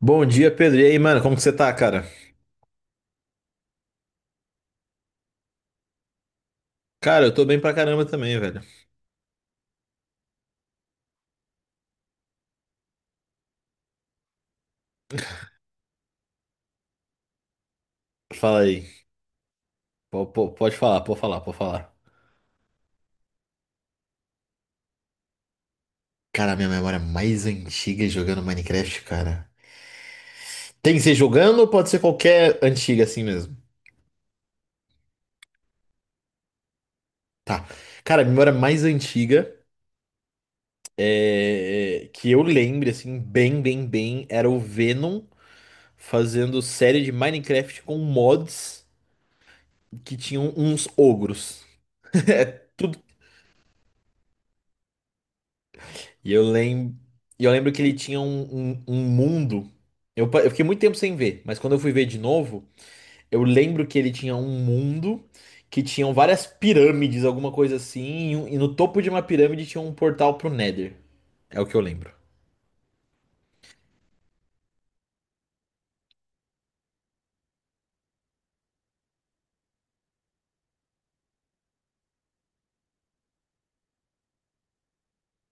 Bom dia, Pedro. E aí, mano, como que você tá, cara? Cara, eu tô bem pra caramba também, velho. Fala aí. Pode falar, pode falar, pode falar. Cara, a minha memória é mais antiga é jogando Minecraft, cara. Tem que ser jogando ou pode ser qualquer antiga assim mesmo? Tá. Cara, a memória mais antiga é... que eu lembro, assim, bem, bem, bem, era o Venom fazendo série de Minecraft com mods que tinham uns ogros. E eu lembro, e eu lembro que ele tinha um mundo. Eu fiquei muito tempo sem ver, mas quando eu fui ver de novo, eu lembro que ele tinha um mundo que tinham várias pirâmides, alguma coisa assim, e, e no topo de uma pirâmide tinha um portal pro Nether. É o que eu lembro.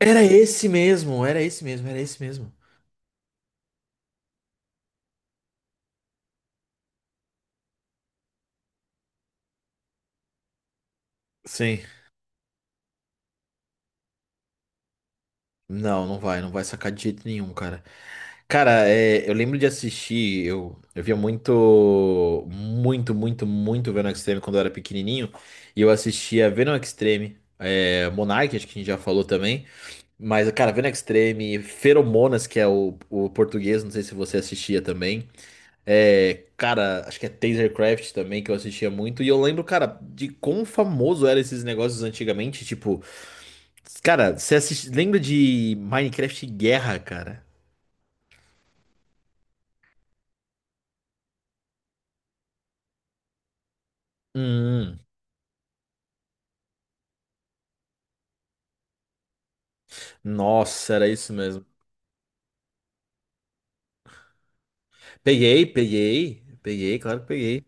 Era esse mesmo, era esse mesmo, era esse mesmo. Sim. Não, não vai, não vai sacar de jeito nenhum, cara. Cara, é, eu lembro de assistir, eu via muito, muito, muito, muito Venom Extreme quando eu era pequenininho, e eu assistia Venom Extreme, é, Monarch, acho que a gente já falou também, mas, cara, Venom Extreme, Feromonas, que é o português, não sei se você assistia também, é, cara, acho que é Tasercraft também, que eu assistia muito, e eu lembro, cara, de quão famoso eram esses negócios antigamente, tipo... Cara, você assiste... lembra de Minecraft Guerra, cara? Hum, nossa, era isso mesmo. Peguei, peguei, peguei, claro que peguei.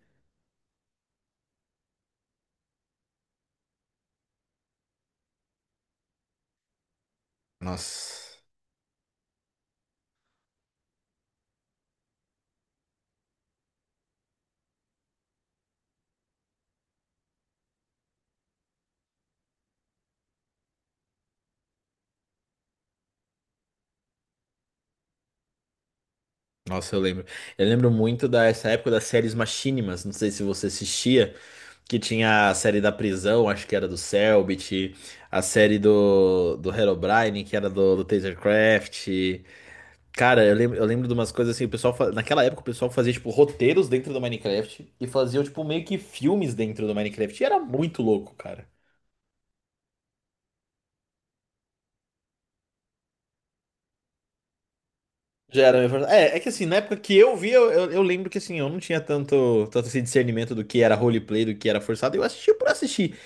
Nossa, nossa, eu lembro. Eu lembro muito dessa época das séries Machinimas, não sei se você assistia, que tinha a série da prisão, acho que era do Cellbit, a série do Herobrine, que era do Tasercraft. Cara, eu lembro de umas coisas assim, o pessoal, naquela época o pessoal fazia tipo roteiros dentro do Minecraft e faziam tipo meio que filmes dentro do Minecraft. E era muito louco, cara. Já era, é, que assim, na época que eu vi, eu lembro que assim, eu não tinha tanto esse discernimento do que era roleplay, do que era forçado. Eu assistia por assistir.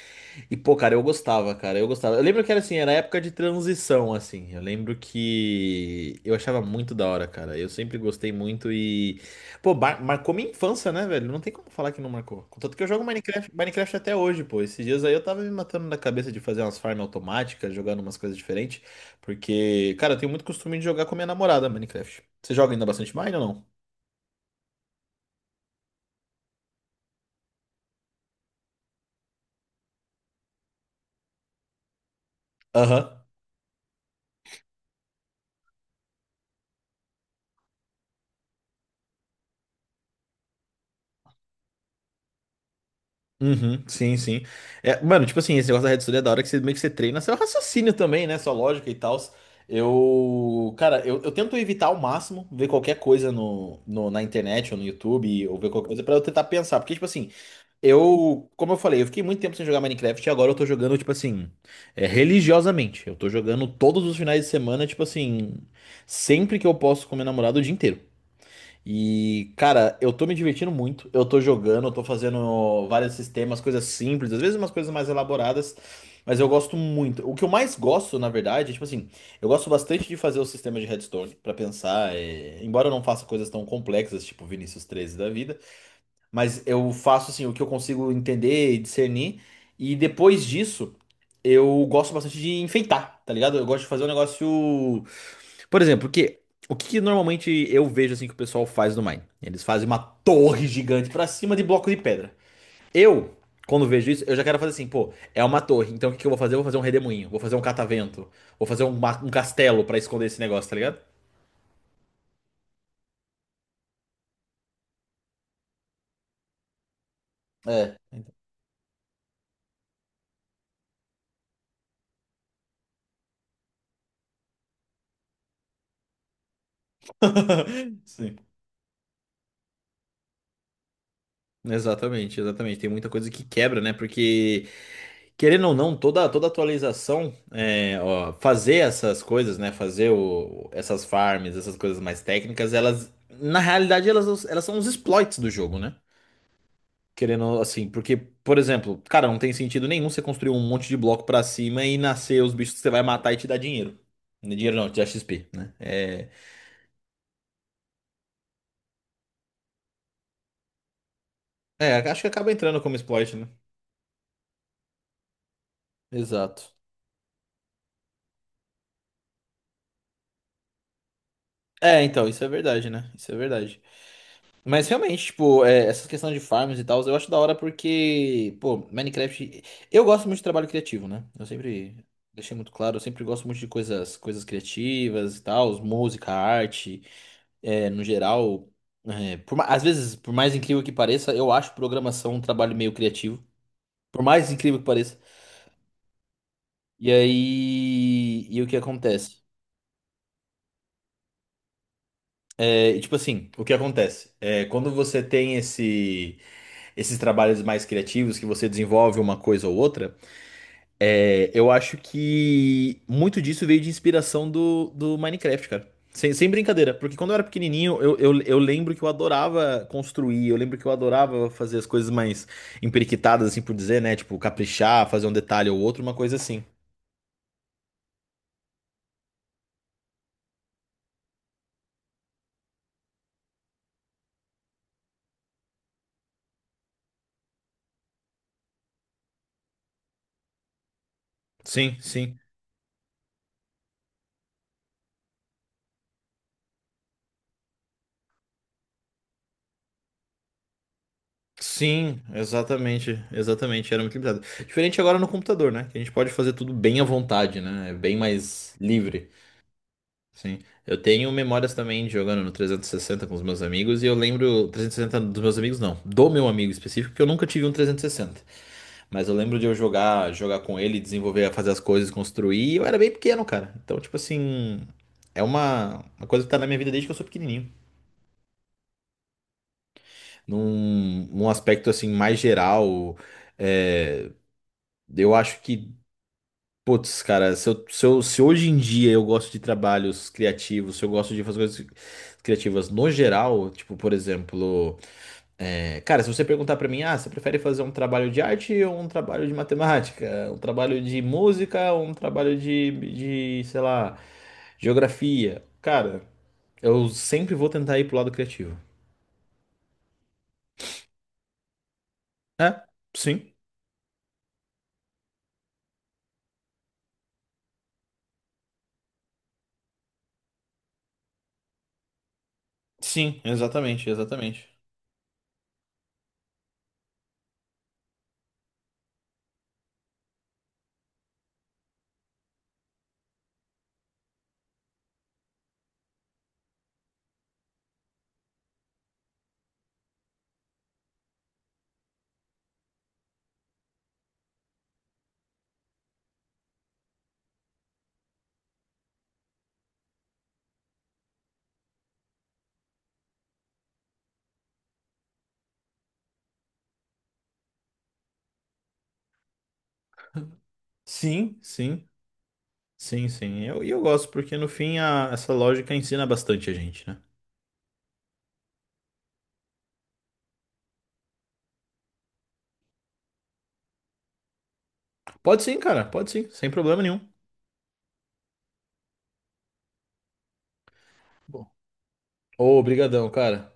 E, pô, cara, eu gostava, cara, eu gostava. Eu lembro que era assim, era época de transição, assim. Eu lembro que eu achava muito da hora, cara. Eu sempre gostei muito e. Pô, marcou minha infância, né, velho? Não tem como falar que não marcou. Contanto que eu jogo Minecraft, Minecraft até hoje, pô. Esses dias aí eu tava me matando na cabeça de fazer umas farms automáticas, jogando umas coisas diferentes. Porque, cara, eu tenho muito costume de jogar com a minha namorada Minecraft. Você joga ainda bastante Mine ou não? Aham. Uhum, sim, sim. É, mano, tipo assim, esse negócio da rede social é da hora que você meio que você treina seu raciocínio também, né? Sua lógica e tal. Eu, cara, eu tento evitar ao máximo ver qualquer coisa no, na internet ou no YouTube ou ver qualquer coisa pra eu tentar pensar. Porque, tipo assim, eu, como eu falei, eu fiquei muito tempo sem jogar Minecraft e agora eu tô jogando, tipo assim, é, religiosamente. Eu tô jogando todos os finais de semana, tipo assim, sempre que eu posso com minha namorada o dia inteiro. E, cara, eu tô me divertindo muito. Eu tô jogando, eu tô fazendo vários sistemas, coisas simples, às vezes umas coisas mais elaboradas, mas eu gosto muito. O que eu mais gosto, na verdade, é, tipo assim, eu gosto bastante de fazer o sistema de Redstone pra pensar, é, embora eu não faça coisas tão complexas, tipo Vinícius treze da vida, mas eu faço assim o que eu consigo entender e discernir. E depois disso, eu gosto bastante de enfeitar, tá ligado? Eu gosto de fazer um negócio por exemplo, porque o que que normalmente eu vejo assim que o pessoal faz no Mine? Eles fazem uma torre gigante pra cima de bloco de pedra. Eu, quando vejo isso, eu já quero fazer assim, pô, é uma torre, então o que que eu vou fazer? Eu vou fazer um redemoinho, vou fazer um catavento, vou fazer um, um castelo pra esconder esse negócio, tá ligado? É. Sim. Exatamente, exatamente. Tem muita coisa que quebra, né? Porque querendo ou não, toda atualização, é, ó, fazer essas coisas, né? Fazer essas farms, essas coisas mais técnicas, na realidade, elas são os exploits do jogo, né? Querendo, assim, porque, por exemplo, cara, não tem sentido nenhum você construir um monte de bloco pra cima e nascer os bichos que você vai matar e te dar dinheiro. Dinheiro não, te dá XP, né? É, acho que acaba entrando como exploit, né? Exato. É, então, isso é verdade, né? Isso é verdade. Mas realmente, tipo, é, essa questão de farms e tal, eu acho da hora porque, pô, Minecraft. Eu gosto muito de trabalho criativo, né? Eu sempre deixei muito claro, eu sempre gosto muito de coisas, coisas criativas e tal, música, arte, é, no geral. É, por às vezes, por mais incrível que pareça, eu acho programação um trabalho meio criativo. Por mais incrível que pareça. E aí. E o que acontece? É, e tipo assim, o que acontece? É, quando você tem esse. Esses trabalhos mais criativos que você desenvolve uma coisa ou outra, é, eu acho que muito disso veio de inspiração do Minecraft, cara. Sem brincadeira, porque quando eu era pequenininho, eu lembro que eu adorava construir, eu lembro que eu adorava fazer as coisas mais emperiquitadas, assim por dizer, né? Tipo, caprichar, fazer um detalhe ou outro, uma coisa assim. Sim, sim. Sim, exatamente, exatamente, era muito limitado. Diferente agora no computador, né? Que a gente pode fazer tudo bem à vontade, né? É bem mais livre. Sim. Eu tenho memórias também de jogando no 360 com os meus amigos, e eu lembro. 360 dos meus amigos, não. Do meu amigo específico, porque eu nunca tive um 360. Mas eu lembro de eu jogar, jogar com ele, desenvolver, fazer as coisas, construir. E eu era bem pequeno, cara. Então, tipo assim. É uma coisa que tá na minha vida desde que eu sou pequenininho. Num aspecto, assim, mais geral. É, eu acho que. Putz, cara, se hoje em dia eu gosto de trabalhos criativos, se eu gosto de fazer coisas criativas no geral, tipo, por exemplo, é, cara, se você perguntar pra mim, ah, você prefere fazer um trabalho de arte ou um trabalho de matemática, um trabalho de música ou um trabalho de, sei lá, geografia? Cara, eu sempre vou tentar ir pro lado criativo. É, sim, sim, exatamente, exatamente. Sim, sim, sim, sim. E eu, gosto, porque no fim essa lógica ensina bastante a gente, né? Pode sim, cara, pode sim, sem problema nenhum. Bom, ô, obrigadão, cara.